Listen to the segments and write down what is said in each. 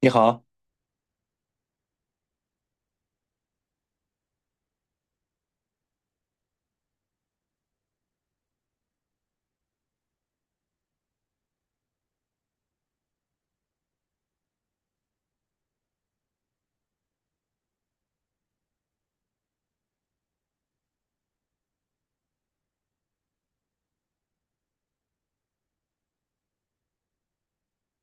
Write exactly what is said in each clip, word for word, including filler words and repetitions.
你好。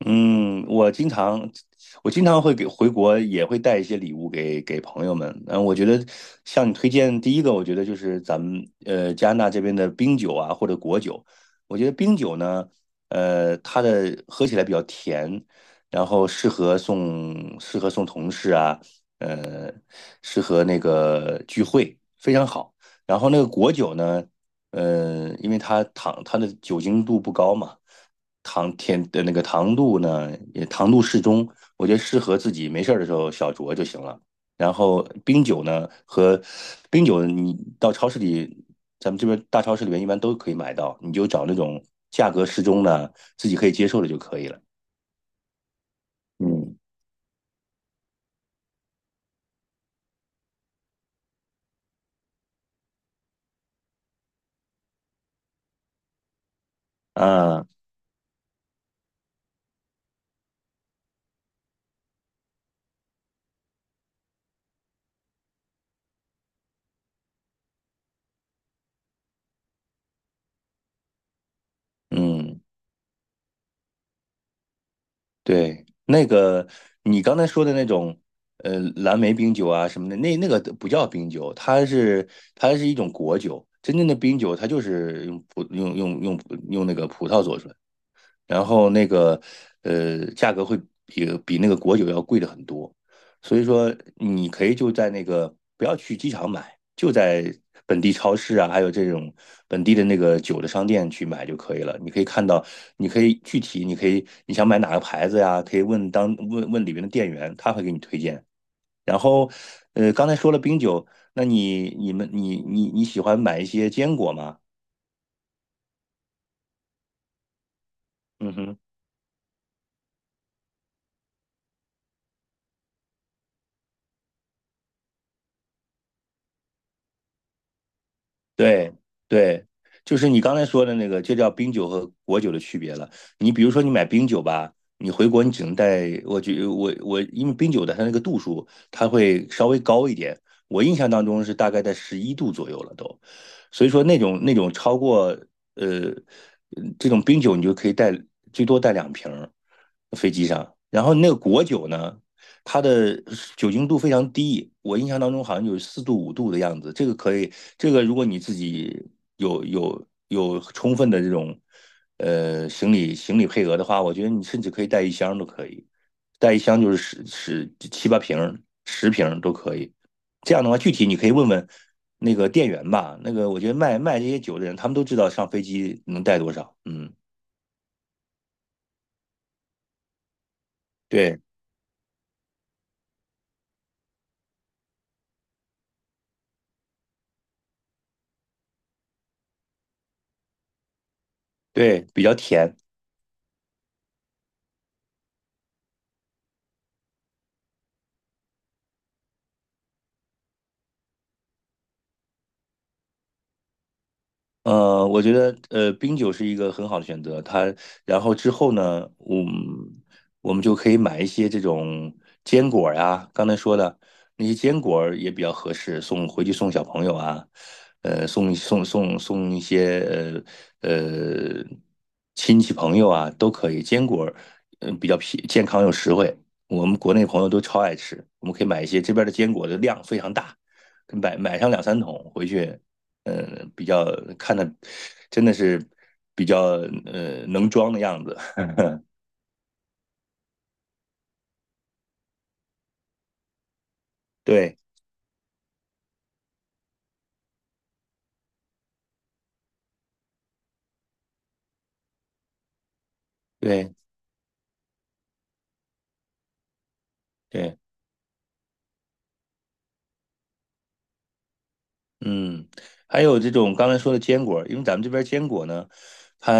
嗯，我经常我经常会给回国，也会带一些礼物给给朋友们。嗯，我觉得向你推荐第一个，我觉得就是咱们呃加拿大这边的冰酒啊，或者果酒。我觉得冰酒呢，呃，它的喝起来比较甜，然后适合送适合送同事啊，呃，适合那个聚会，非常好。然后那个果酒呢，呃，因为它糖它的酒精度不高嘛。糖甜的那个糖度呢，也糖度适中，我觉得适合自己没事儿的时候小酌就行了。然后冰酒呢，和冰酒你到超市里，咱们这边大超市里面一般都可以买到，你就找那种价格适中的，自己可以接受的就可以了。嗯啊，嗯。对，那个你刚才说的那种，呃，蓝莓冰酒啊什么的，那那个不叫冰酒，它是它是一种果酒。真正的冰酒，它就是用葡用用用用那个葡萄做出来。然后那个呃价格会比比那个果酒要贵的很多，所以说你可以就在那个不要去机场买，就在本地超市啊，还有这种本地的那个酒的商店去买就可以了。你可以看到，你可以具体，你可以你想买哪个牌子呀，可以问当问问里面的店员，他会给你推荐。然后呃刚才说了冰酒，那你你们你你你喜欢买一些坚果吗？嗯哼。对对，就是你刚才说的那个，就叫冰酒和果酒的区别了。你比如说，你买冰酒吧，你回国你只能带，我觉我我，因为冰酒的它那个度数，它会稍微高一点。我印象当中是大概在十一度左右了都，所以说那种那种超过呃这种冰酒，你就可以带最多带两瓶儿飞机上。然后那个果酒呢，它的酒精度非常低，我印象当中好像有四度五度的样子。这个可以，这个如果你自己有有有充分的这种呃行李行李配额的话，我觉得你甚至可以带一箱都可以，带一箱就是十十七八瓶十瓶都可以。这样的话，具体你可以问问那个店员吧。那个我觉得卖卖这些酒的人，他们都知道上飞机能带多少。嗯，对对，比较甜。呃，我觉得呃，冰酒是一个很好的选择。它，然后之后呢，我们我们就可以买一些这种坚果儿呀，刚才说的那些坚果儿也比较合适，送回去送小朋友啊，呃，送送送送一些呃呃亲戚朋友啊都可以。坚果儿，嗯、比较便健康又实惠，我们国内朋友都超爱吃。我们可以买一些这边儿的坚果的量非常大，买买上两三桶回去。呃，比较看的真的是比较呃能装的样子。对对对。嗯，还有这种刚才说的坚果，因为咱们这边坚果呢，它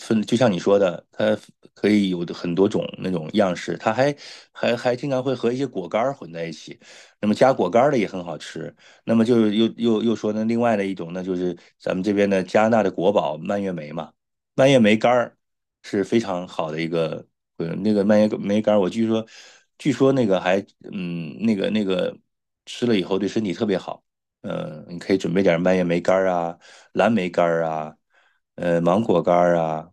分就像你说的，它可以有的很多种那种样式，它还还还经常会和一些果干儿混在一起，那么加果干儿的也很好吃。那么就是又又又说呢，另外的一种呢，就是咱们这边的加拿大的国宝蔓越莓嘛，蔓越莓干儿是非常好的一个，呃，那个蔓越莓干儿，我据说据说那个还嗯那个那个吃了以后对身体特别好。嗯，你可以准备点蔓越莓干儿啊、蓝莓干儿啊、呃芒果干儿啊，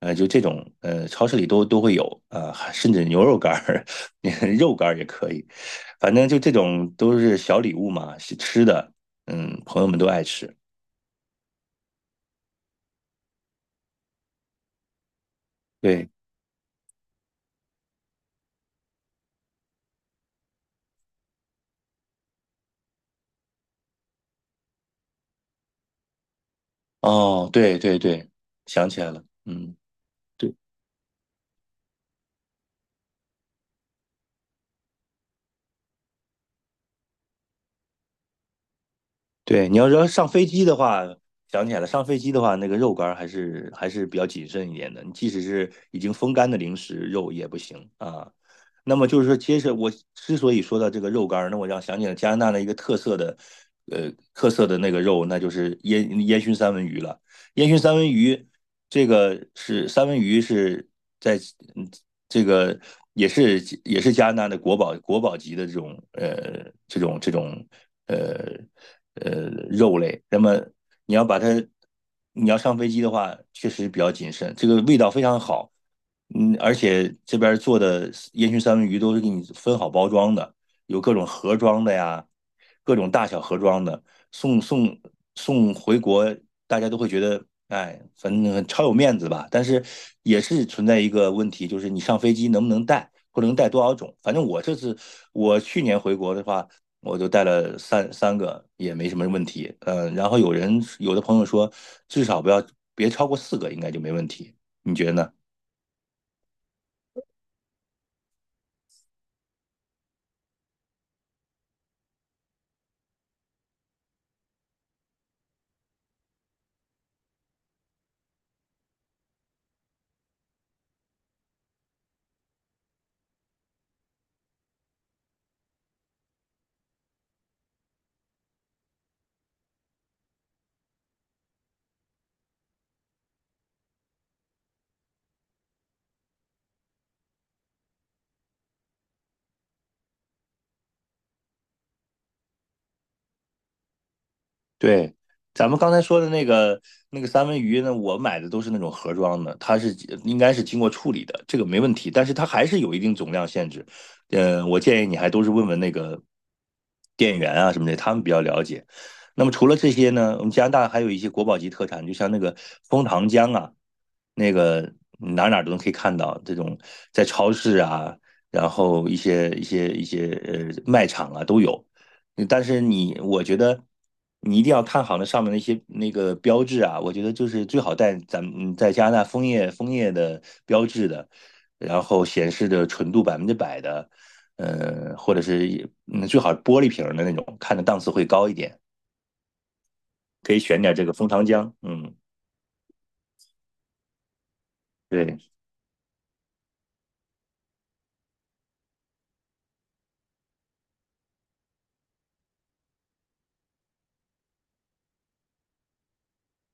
呃就这种，呃超市里都都会有啊、还甚至牛肉干儿、肉干儿也可以，反正就这种都是小礼物嘛，是吃的，嗯，朋友们都爱吃。对，哦，对对对，想起来了，嗯，对，对，你要说上飞机的话，想起来了，上飞机的话，那个肉干儿还是还是比较谨慎一点的。你即使是已经风干的零食，肉也不行啊。那么就是说，其实我之所以说到这个肉干儿，那我让想起了加拿大的一个特色的，呃，特色的那个肉，那就是烟烟熏三文鱼了。烟熏三文鱼，这个是三文鱼是在嗯这个也是也是加拿大的国宝国宝级的这种呃这种这种呃。呃肉类。那么你要把它，你要上飞机的话，确实比较谨慎。这个味道非常好，嗯，而且这边做的烟熏三文鱼都是给你分好包装的，有各种盒装的呀，各种大小盒装的，送送送回国，大家都会觉得。哎，反正超有面子吧，但是也是存在一个问题，就是你上飞机能不能带，或者能带多少种。反正我这次我去年回国的话，我就带了三三个，也没什么问题。嗯，然后有人有的朋友说，至少不要别超过四个，应该就没问题。你觉得呢？对，咱们刚才说的那个那个三文鱼呢，我买的都是那种盒装的，它是应该是经过处理的，这个没问题，但是它还是有一定总量限制。嗯，我建议你还都是问问那个店员啊什么的，他们比较了解。那么除了这些呢，我们加拿大还有一些国宝级特产，就像那个枫糖浆啊，那个哪哪都能可以看到，这种在超市啊，然后一些一些一些呃卖场啊都有。但是你，我觉得你一定要看好那上面那些那个标志啊，我觉得就是最好带咱们嗯在加拿大枫叶枫叶的标志的，然后显示的纯度百分之百的，呃，或者是嗯最好是玻璃瓶儿的那种，看着档次会高一点。可以选点这个蜂糖浆，嗯，对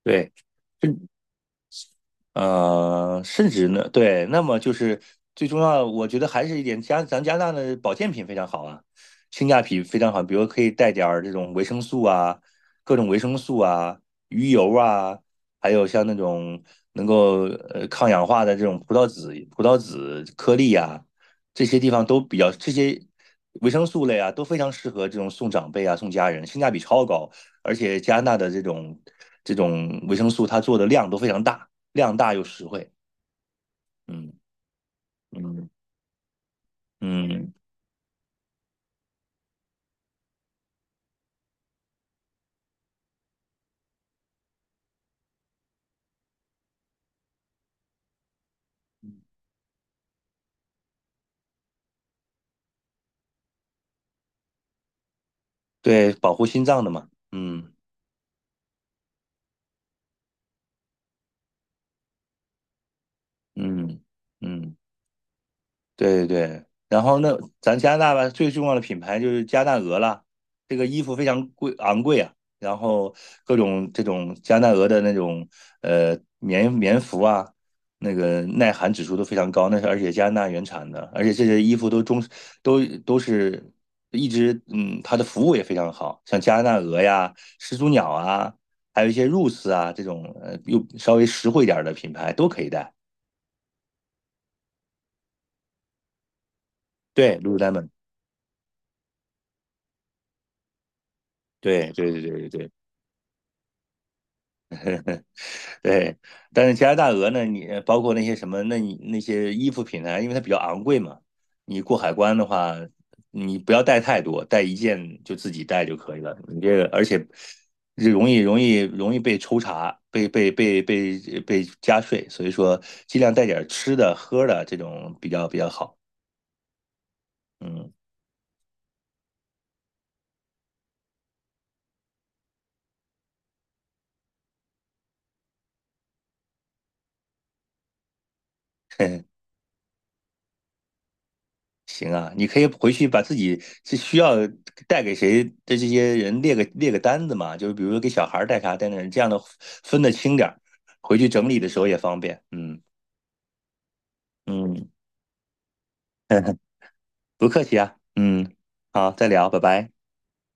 对，这呃，甚至呢，对，那么就是最重要的，我觉得还是一点加咱加拿大的保健品非常好啊，性价比非常好，比如可以带点儿这种维生素啊，各种维生素啊，鱼油啊，还有像那种能够呃抗氧化的这种葡萄籽、葡萄籽颗粒啊，这些地方都比较这些维生素类啊，都非常适合这种送长辈啊、送家人，性价比超高，而且加拿大的这种这种维生素它做的量都非常大。量大又实惠。嗯嗯嗯，对，保护心脏的嘛。嗯嗯嗯。对对对，然后那咱加拿大吧，最重要的品牌就是加拿大鹅啦，这个衣服非常贵昂贵啊，然后各种这种加拿大鹅的那种呃棉棉服啊，那个耐寒指数都非常高，那是而且加拿大原产的，而且这些衣服都中都都是一直嗯，它的服务也非常好，像加拿大鹅呀、始祖鸟啊，还有一些 Roots 啊这种呃又稍微实惠一点儿的品牌都可以带。对，Lululemon，对对对对对对。对，但是加拿大鹅呢，你包括那些什么，那你那些衣服品牌，因为它比较昂贵嘛，你过海关的话，你不要带太多，带一件就自己带就可以了。你这个，而且容易容易容易被抽查，被被被被被加税，所以说尽量带点吃的喝的这种比较比较好。嗯，行啊，你可以回去把自己是需要带给谁的这些人列个列个单子嘛，就是比如说给小孩儿带啥带那，这样的分得清点儿，回去整理的时候也方便。嗯嗯，不客气啊。嗯，好，再聊，拜拜。